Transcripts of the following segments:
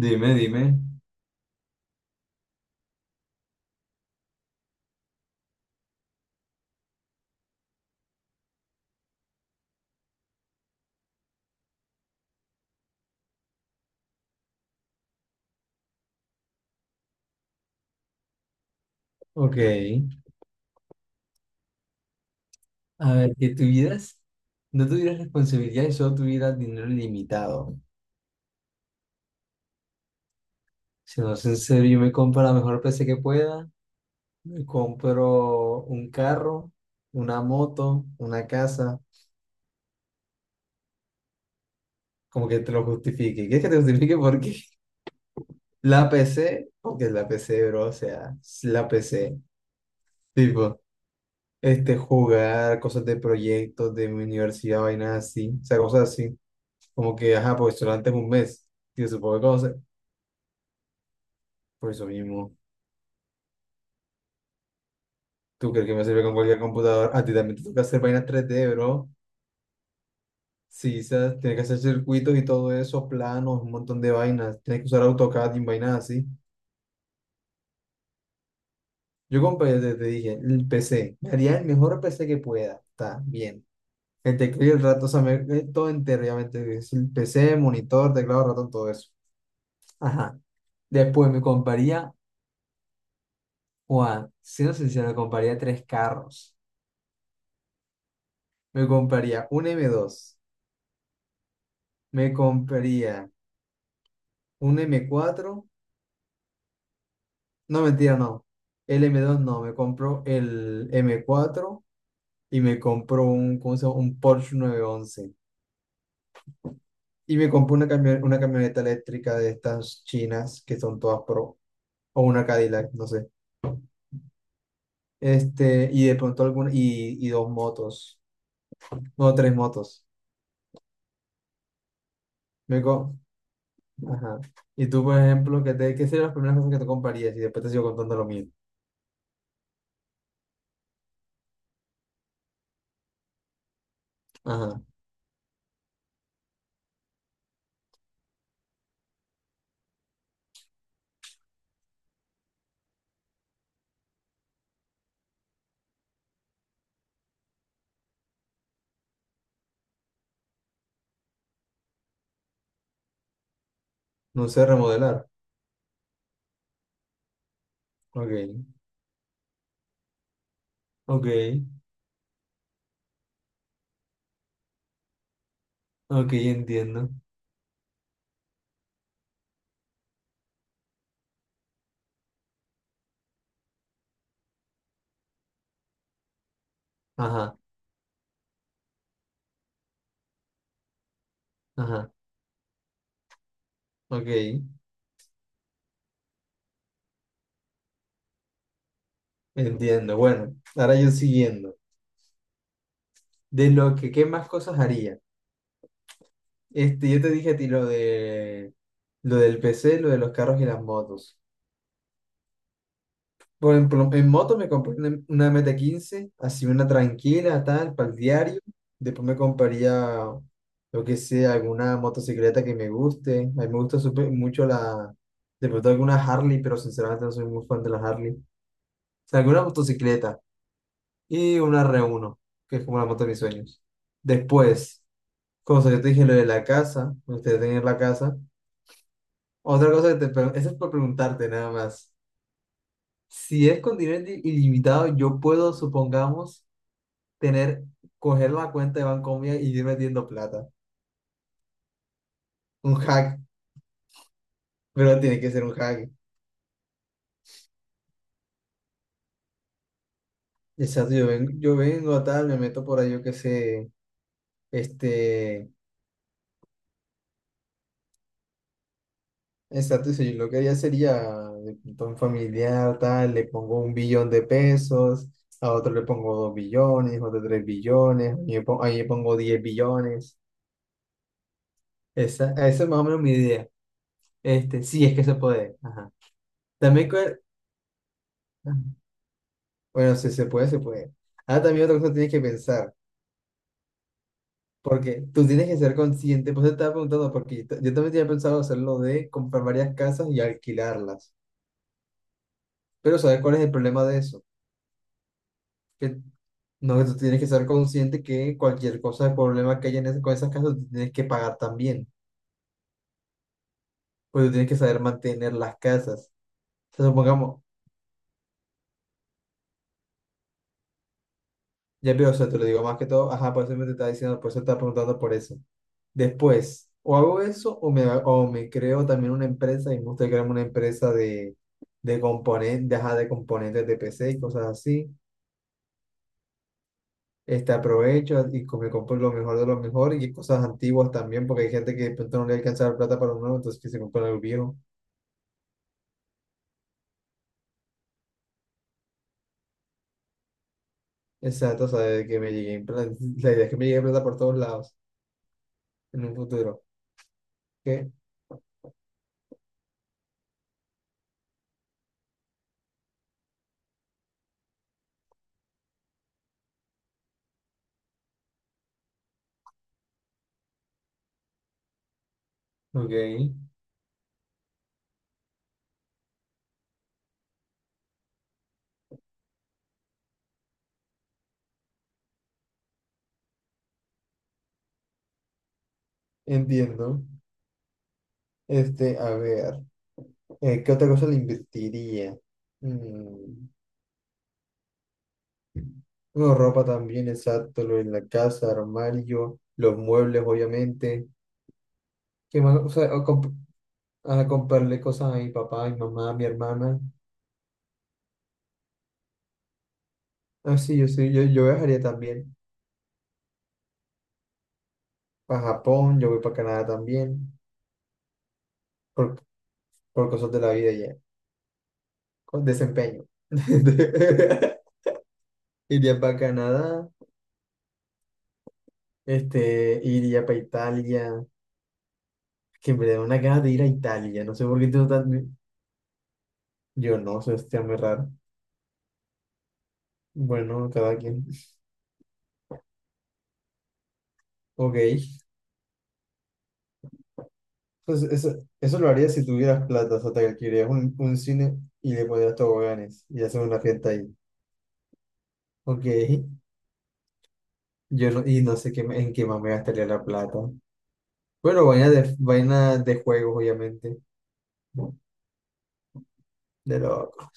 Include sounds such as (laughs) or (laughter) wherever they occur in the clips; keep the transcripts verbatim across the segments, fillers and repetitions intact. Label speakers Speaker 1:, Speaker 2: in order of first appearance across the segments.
Speaker 1: Dime, dime. Ok. A ver, que tuvieras, no tuvieras responsabilidades, solo tuvieras dinero ilimitado. Si no es en serio, yo me compro la mejor P C que pueda, me compro un carro, una moto, una casa, como que te lo justifique. ¿Quieres que te justifique por qué? (laughs) La P C, porque es la P C, bro, o sea, es la P C. Este, jugar cosas de proyectos de mi universidad, vainas así, o sea, cosas así. Como que, ajá, porque solo es un mes, y supongo que cosas. Por eso mismo, tú crees que me sirve con cualquier computador. A ti también te toca hacer vainas tres d, bro. Sí, o sea, tienes que hacer circuitos y todo eso, planos, un montón de vainas. Tienes que usar AutoCAD y vainas así. Yo compré, te, te dije, el P C. Me haría el mejor P C que pueda. Está bien. El teclado y el ratón, o sea, me- eh, todo entero, obviamente. Es el P C, monitor, teclado, ratón, todo eso. Ajá. Después me compraría, Juan, siendo sincero, me compraría tres carros. Me compraría un m dos, me compraría un m cuatro, no, mentira, no. El m dos no, me compró el m cuatro y me compró un, ¿cómo se llama?, un Porsche nueve once. Y me compró una, camio- una camioneta eléctrica de estas chinas que son todas pro, o una Cadillac, no sé. Este, y de pronto alguna, y, y dos motos, no, tres motos. Me, co- Ajá. Y tú, por ejemplo, ¿qué, te, qué serían las primeras cosas que te comprarías? Y después te sigo contando lo mío. Ajá. No sé, remodelar. Ok. Ok. Ok, entiendo. Ajá. Ajá. Ok. Entiendo. Bueno, ahora yo siguiendo. De lo que, ¿qué más cosas haría? Este, yo te dije a ti lo de, lo del P C, lo de los carros y las motos. Por ejemplo, en moto me compré una, una M T quince, así una tranquila, tal, para el diario. Después me compraría, lo que sea, alguna motocicleta que me guste. A mí me gusta súper mucho la, de pronto alguna Harley, pero sinceramente no soy muy fan de la Harley. O sea, alguna motocicleta y una r uno que es como la moto de mis sueños. Después, cosa que te dije, lo de la casa, me gustaría tener la casa. Otra cosa que te, pre-, eso es por preguntarte nada más. Si es con dinero ili- ilimitado, yo puedo, supongamos tener, coger la cuenta de Bancomia y ir metiendo plata. Un hack, pero tiene que ser un hack. Exacto, yo vengo, yo vengo, tal, me meto por ahí, yo qué sé, este, exacto, y si yo lo que haría sería, de pronto un familiar, tal, le pongo un billón de pesos, a otro le pongo dos billones, otro tres billones, ahí le pongo, ahí le pongo diez billones. Esa, esa es más o menos mi idea. Este, sí, es que se puede. Ajá. También, cuál- ajá. Bueno, si se puede, se puede. Ah, también otra cosa que tienes que pensar. Porque tú tienes que ser consciente, pues te estaba preguntando, porque yo, ta-, yo también tenía pensado hacerlo de comprar varias casas y alquilarlas. Pero ¿sabes cuál es el problema de eso? Que no, que tú tienes que ser consciente que cualquier cosa de problema que haya en ese-, con esas casas, tú tienes que pagar también. Pues tú tienes que saber mantener las casas. O sea, supongamos, ya veo, o sea, te lo digo más que todo, ajá, por eso me te estaba diciendo, por eso te estaba preguntando por eso. Después, o hago eso o me, o me creo también una empresa y me gusta crearme una empresa de, de componentes, ajá, de componentes de P C y cosas así. Este, aprovecho y co-, me compro lo mejor de lo mejor y cosas antiguas también, porque hay gente que de pronto no le alcanza la plata para uno nuevo, entonces que se compra algo viejo. Exacto, o sea, de que me llegue, pla- (laughs) la idea es que me llegue plata por todos lados en un futuro. ¿Qué? Ok, entiendo. Este, a ver, eh, ¿qué otra cosa le invertiría? Mm. Bueno, ropa también, exacto, lo en la casa, armario, los muebles, obviamente. ¿Qué más? O sea, o comp- a comprarle cosas a mi papá, a mi mamá, a mi hermana. Ah, sí, yo sí, yo, yo viajaría también para Japón, yo voy para Canadá también, por, por cosas de la vida ya, con desempeño. (laughs) Iría para Canadá, este, iría para Italia, que me da una ganas de ir a Italia, no sé por qué tengo tan... Yo no, eso está muy raro. Bueno, cada quien. Ok. Entonces, eso, eso lo harías si tuvieras plata, o sea, te alquilarías un, un cine y le pondrías toboganes y haces una fiesta ahí. Ok, yo no, y no sé qué, me-, en qué más me gastaría la plata. Bueno, vaina de, vaina de juegos, obviamente. De loco.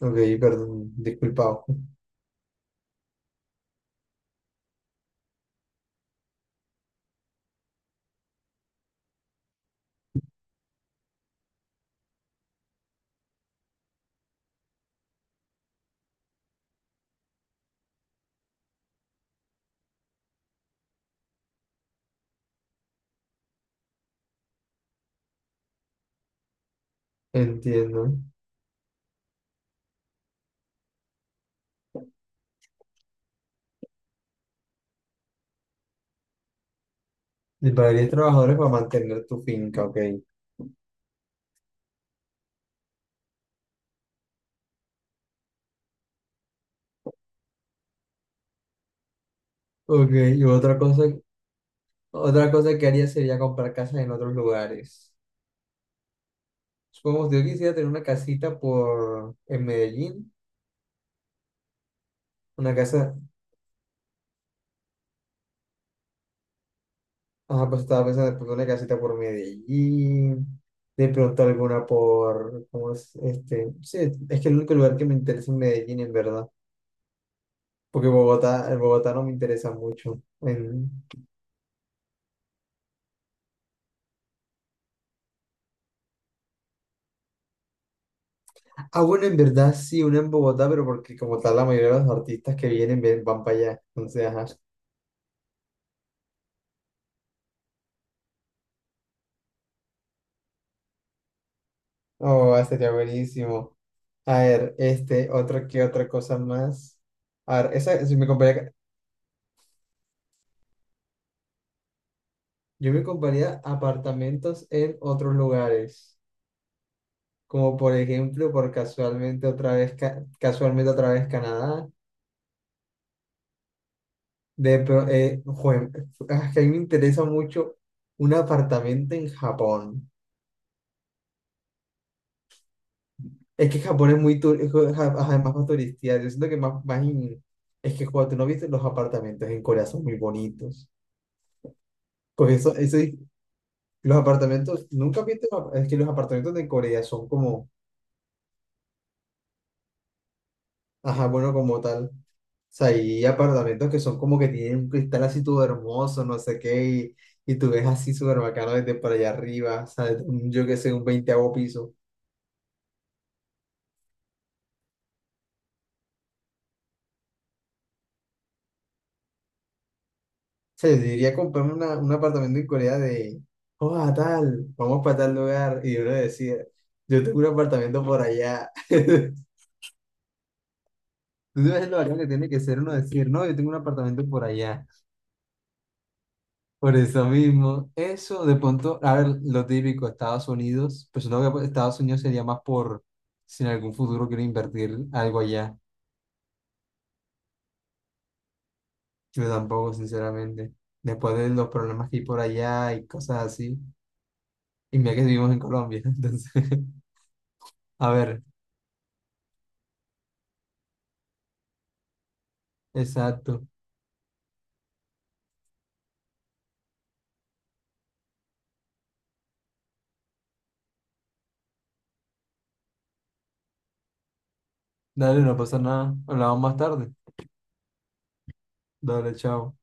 Speaker 1: Ok, perdón, disculpado. Entiendo. Y pagarías trabajadores para mantener tu finca, ok. Ok, y otra cosa, otra cosa que haría sería comprar casas en otros lugares. Supongamos, yo quisiera tener una casita por, en Medellín, una casa. Ajá, pues estaba pensando de pronto una casita por Medellín, de pronto alguna por, ¿cómo es? Este, sí, es que el único lugar que me interesa es Medellín, en verdad, porque Bogotá, el Bogotá no me interesa mucho. En-. Ah, bueno, en verdad sí, una en Bogotá, pero porque como tal la mayoría de los artistas que vienen ven- van para allá, entonces, ajá. Oh, sería buenísimo. A ver, este, otra, ¿qué otra cosa más? A ver, esa, si me compraría, yo me compraría apartamentos en otros lugares, como por ejemplo, por casualmente otra vez, Ca-, casualmente otra vez Canadá. De, pro- eh, jue- ah, Que a mí me interesa mucho un apartamento en Japón. Es que Japón es muy tur-, es que Ja-, ajá, es más para turistear. Yo siento que más, más in-, es que cuando tú no viste los apartamentos en Corea son muy bonitos. Porque eso, eso es-, los apartamentos, nunca viste, los ap-, es que los apartamentos de Corea son como, ajá, bueno, como tal. Sea, hay apartamentos que son como que tienen un cristal así todo hermoso, no sé qué, y, y tú ves así súper bacano desde por allá arriba, o sea, desde un-, yo qué sé, un veinteavo piso. O sea, yo diría comprarme una-, un apartamento en Corea de, oh, a tal, vamos para tal lugar, y uno decía, yo tengo un apartamento por allá. (laughs) Tú sabes lo bacano que tiene que ser uno decir, no, yo tengo un apartamento por allá. Por eso mismo, eso de pronto, a ver, lo típico, Estados Unidos, pues no, que pues, Estados Unidos sería más por si en algún futuro quiero invertir algo allá. Yo tampoco, sinceramente. Después de los problemas que hay por allá y cosas así. Y mira que vivimos en Colombia, (laughs) entonces, a ver, exacto. Dale, no pasa nada. Hablamos más tarde. Dale, chao.